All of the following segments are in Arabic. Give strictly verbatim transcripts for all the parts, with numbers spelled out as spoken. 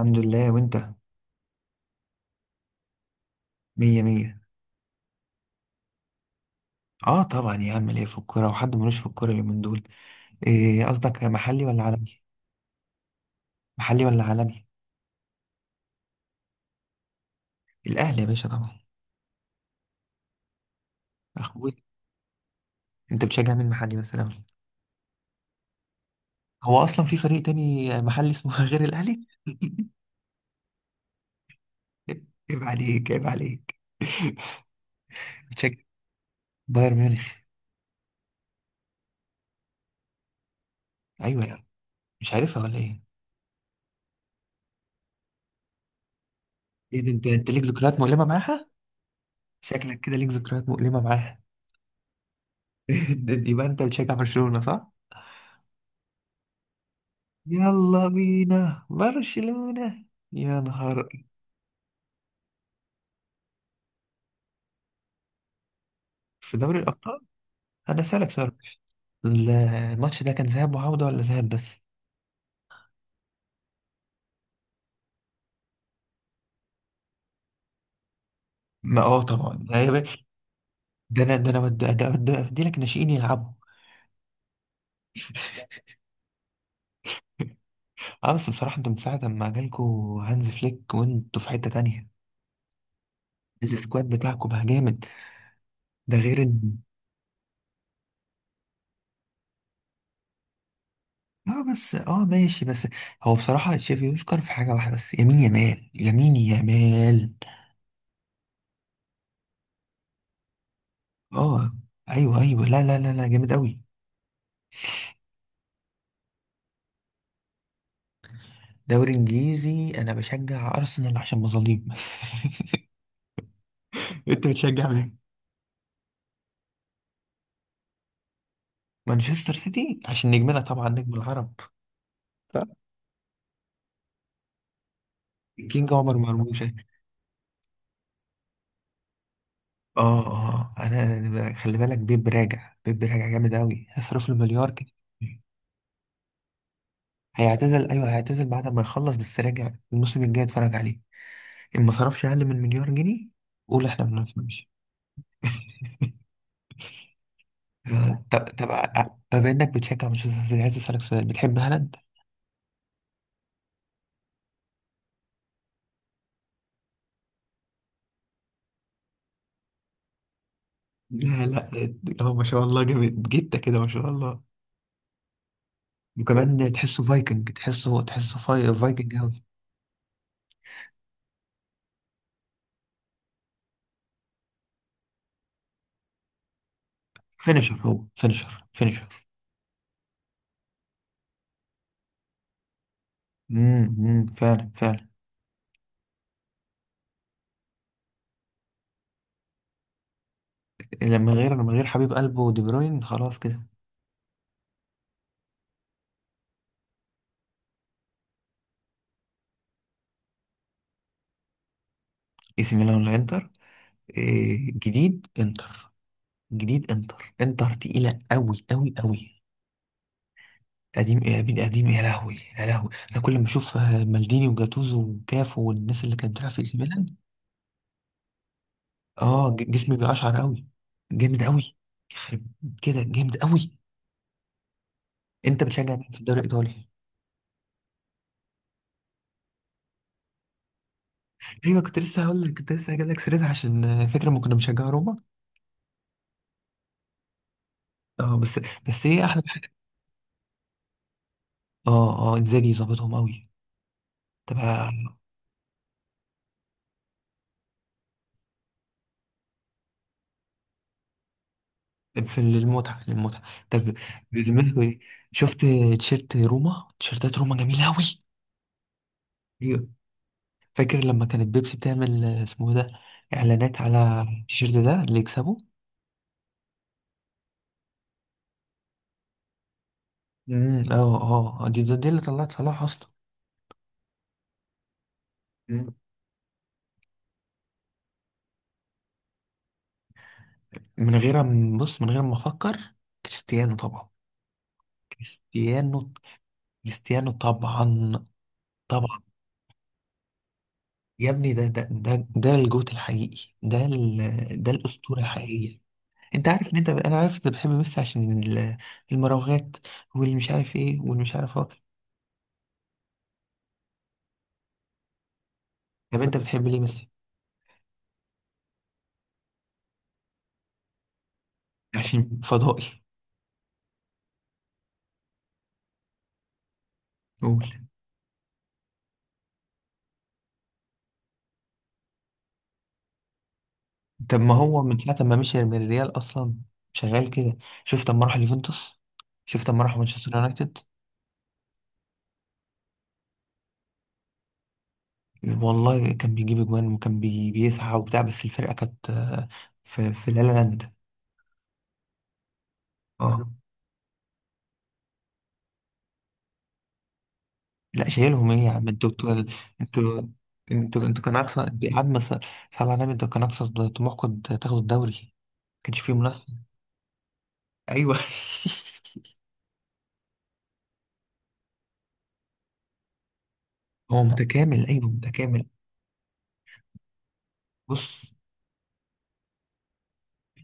الحمد لله وانت مية مية. اه طبعا يا عم ليه في الكورة وحد ملوش في الكورة اليومين دول. ايه قصدك محلي ولا عالمي؟ محلي ولا عالمي. الاهلي يا باشا طبعا. اخوي. انت بتشجع مين محلي مثلا؟ هو اصلا في فريق تاني محلي اسمه غير الاهلي؟ عيب عليك عيب عليك. بتشجع. بايرن ميونخ. ايوه يا عم. مش عارفها ولا ايه؟ ايه ده انت انت ليك ذكريات مؤلمة معاها؟ شكلك كده ليك ذكريات مؤلمة معاها. يبقى انت بتشجع برشلونة صح؟ يلا بينا برشلونة. يا نهار. في دوري الأبطال. أنا أسألك سؤال. ال- الماتش ده كان ذهاب وعودة ولا ذهاب بس؟ ما اه طبعا ده يا باشا- ده انا ده انا بد- ده ده افدي لك ناشئين يلعبوا. اه بس بصراحة انتوا من ساعة ما جالكوا هانز فليك وانتوا في حتة تانية. السكواد بتاعكم بقى جامد. ده غير ان. اه بس اه ماشي بس. هو بصراحة تشافي يشكر في حاجة واحدة بس يمين يمال يمين يمال. اه ايوه ايوه لا لا لا لا جامد قوي. دوري انجليزي انا بشجع ارسنال عشان مظاليم. انت بتشجع مين؟ مانشستر سيتي عشان نجمنا طبعا نجم العرب. صح؟ كينج عمر مرموش. اه اه انا أنا ب- خلي بالك بيب راجع بيب راجع جامد قوي هيصرف له مليار كده. هيعتزل ايوه هيعتزل بعد ما يخلص بس راجع الموسم الجاي اتفرج عليه ان ما صرفش اقل من مليار جنيه. قول احنا ما بنفهمش. طب طب آه، بما انك بتشجع مانشستر سيتي عايز اسالك سؤال بتحب هالاند؟ لا لا هو ما شاء الله جامد جته كده ما شاء الله. وكمان تحسه فايكنج تحسه تحسه فاي فايكنج قوي. فينيشر هو فينيشر فينيشر امم امم، فعلا فعلا. لما غير لما غير حبيب قلبه دي بروين خلاص كده. اي سي ميلان ولا انتر؟ إيه جديد انتر؟ جديد انتر. انتر تقيله قوي قوي قوي. قديم ايه يا بني؟ قديم ايه، يا لهوي يا لهوي انا كل ما اشوف آه، مالديني وجاتوزو وكافو والناس اللي كانت بتلعب في اي سي ميلان. اه ج- جسمي بيقشعر قوي. جامد قوي. يخرب كده جامد قوي. انت بتشجع مين في الدوري الايطالي؟ ايوه كنت لسه هقول لك كنت لسه هجيب لك سيرتها عشان فكره ما كنا بنشجع روما. اه بس. بس ايه احلى حاجه. اه اه انزاجي ظابطهم قوي. طب ه-. في المتعه للمتعه. طب. بذمتك إيه؟ شفت. تيشيرت روما تيشيرتات روما جميله قوي. ايوه. فاكر لما كانت بيبسي بتعمل آه، اسمه إيه ده اعلانات على التيشيرت ده اللي يكسبه. امم اه. اه دي دي دي اللي طلعت صلاح اصلا. من غير ما- بص من غير ما افكر كريستيانو طبعا. كريستيانو. كريستيانو طبعا. طبعا. يا ابني ده ده ده ده الجوت الحقيقي ده ال- ده الاسطوره الحقيقيه. انت عارف ان انت انا عارف انت بتحب ميسي عشان ال- المراوغات واللي مش عارف ايه واللي مش عارف ايه. طب انت بتحب ليه ميسي؟ عشان فضائي. قول. طب ما هو من ساعه ما مشي من الريال اصلا شغال كده. شفت اما راح اليوفنتوس. شفت اما راح مانشستر يونايتد. والله كان بيجيب اجوان وكان بي... بيسعى وبتاع بس الفرقه كانت آه، في في لا لا لاند. اه لا شايلهم ايه يا عم انتوا انتوا انتوا انتوا انتوا كان اقصى يا عم ص- صلى على النبي انتوا كان اقصى طموحكم تاخدوا الدوري ما كانش فيه منافسه. ايوه. هو متكامل ايوه متكامل. بص.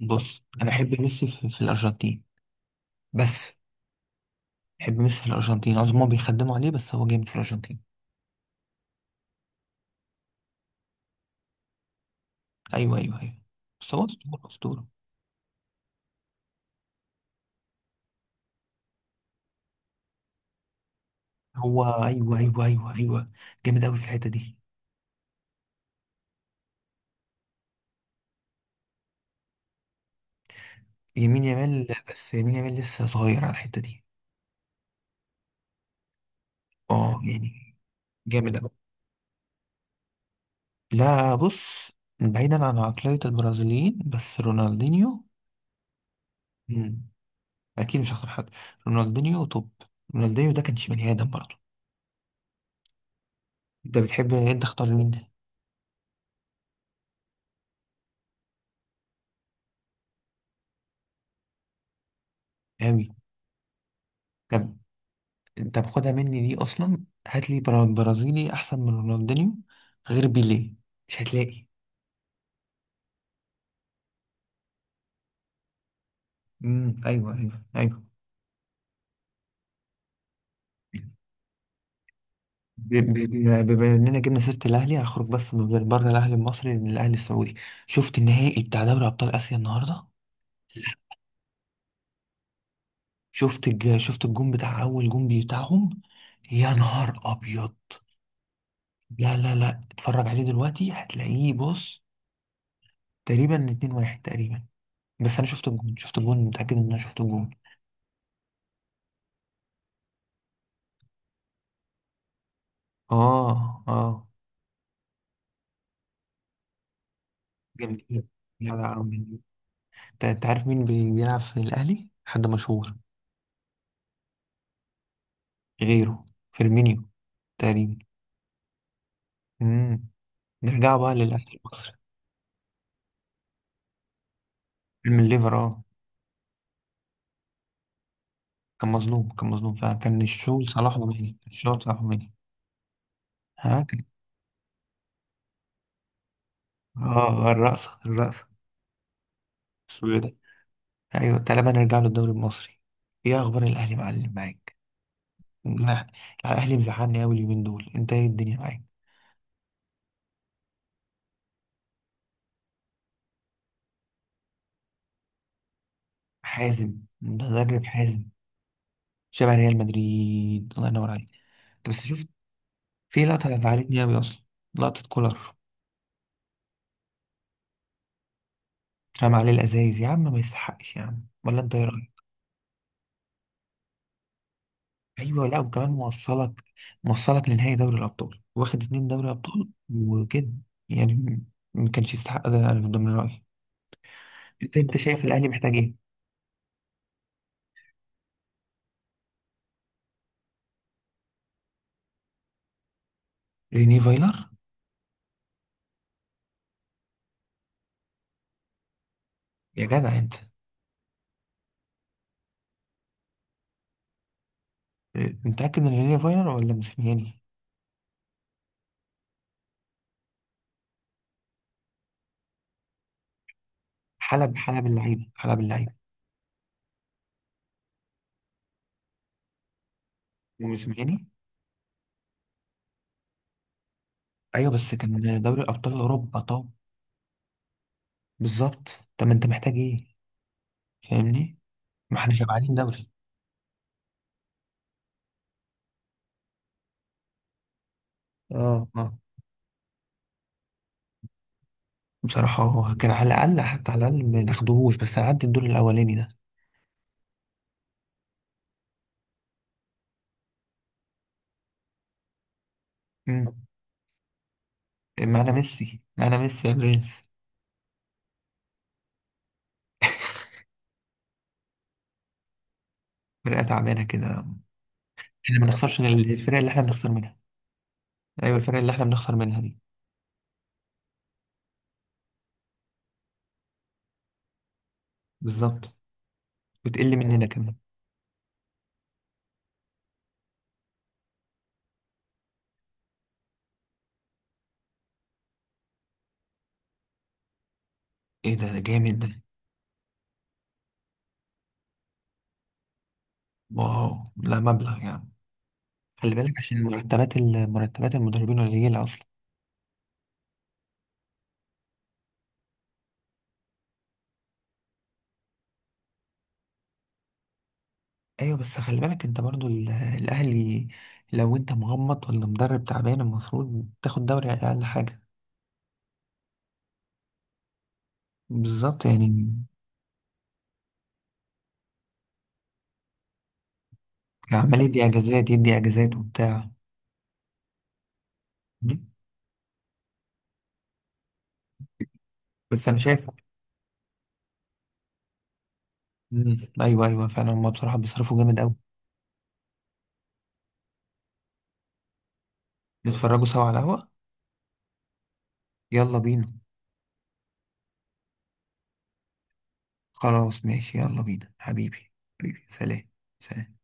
بص انا احب ميسي في, في الارجنتين بس. احب ميسي في الارجنتين عاوز هما بيخدموا عليه بس هو جامد في الارجنتين. ايوه ايوه ايوه بس هو اسطوره اسطوره. هو ايوه ايوه ايوه ايوه جامد قوي في الحته دي. يمين يامال بس يمين يامال لسه صغير على الحته دي. اه يعني. جامد قوي. لا بص. بعيدا عن عقليه البرازيليين بس رونالدينيو. مم. اكيد مش هختار حد. رونالدينيو. طب. رونالدينيو ده كانش بني ادم برضه. انت بتحب انت اختار مين. قوي. طب طب. خدها مني دي اصلا هات لي برا- برازيلي احسن من رونالدينيو غير بيليه مش هتلاقي. امم ايوه ايوه ايوه. ب- ب- ب- بما اننا جبنا سيره الاهلي هخرج بس من غير بره الاهلي المصري للاهلي السعودي. شفت النهائي بتاع دوري ابطال اسيا النهارده؟ شفت الج... شفت الجون بتاع اول جون بتاعهم. يا نهار ابيض. لا لا لا اتفرج عليه دلوقتي هتلاقيه. بص. تقريبا اتنين واحد تقريبا. بس انا شفت الجون شفت الجون متاكد ان انا شفت الجون. اه اه. جميل. لا لا جميل. انت أنت عارف مين بي- بيلعب في الاهلي حد مشهور غيره؟ فيرمينيو تقريبا. امم. نرجع بقى للأهلي المصري. من الليفر اه. كان مظلوم كان مظلوم فعلا كان الشغل صلاح ومين الشغل صلاح ومين. ها كان. اه الرقصة الرقصة. اسمه ايه ده. ايوه تعالى بقى نرجع للدوري المصري. ايه اخبار الأهلي معلم معاك؟ لا. الأهلي مزعلني أوي اليومين دول انت ايه الدنيا معاك؟ حازم. مدرب حازم. شبه ريال مدريد الله ينور عليك. انت بس شفت في لقطة زعلتني أوي أصلا. لقطة كولر. رمى عليه الأزايز يا عم ما يستحقش يا عم ولا انت ايه رأيك؟ ايوه لا وكمان موصلك موصلك لنهائي دوري الابطال واخد اتنين دوري ابطال. وكده يعني. ما كانش يستحق ده انا من ضمن رايي. انت انت شايف الاهلي محتاج ايه؟ ريني فايلر. يا جدع انت. انت متاكد ان ريني فايلر ولا موسيماني؟ حلب حلب اللعيبه حلب اللعيبه. وموسيماني. ايوه بس كان دوري ابطال اوروبا. طب. بالظبط. طب ما انت محتاج ايه؟ فاهمني؟ ما احنا شبعانين دوري. اه اه. بصراحه هو كان على الاقل حتى على الاقل ما ناخدوهوش بس نعدي الدور الاولاني ده. مم. معانا ميسي معانا ميسي يا برنس. فرقة تعبانة كده. احنا ما نخسرش من الفرق اللي احنا بنخسر منها. ايوه الفرق اللي احنا بنخسر منها دي. بالظبط. بتقل مننا كمان. ايه ده ده جامد ده. واو لا مبلغ يعني. خلي بالك عشان مرتبات ال- مرتبات المدربين قليلة اصلا. ايوه بس خلي بالك انت برضو ال- الاهلي. لو انت مغمض ولا مدرب تعبان المفروض تاخد دوري اقل حاجة. بالظبط يعني. عمال يدي اجازات يدي اجازات وبتاع. مم. بس انا شايف. مم. ايوه ايوه فعلا هما بصراحة بيصرفوا جامد اوي. نتفرجوا سوا على القهوة. يلا بينا. خلاص ماشي يلا بينا حبيبي. حبيبي سلام. سلام.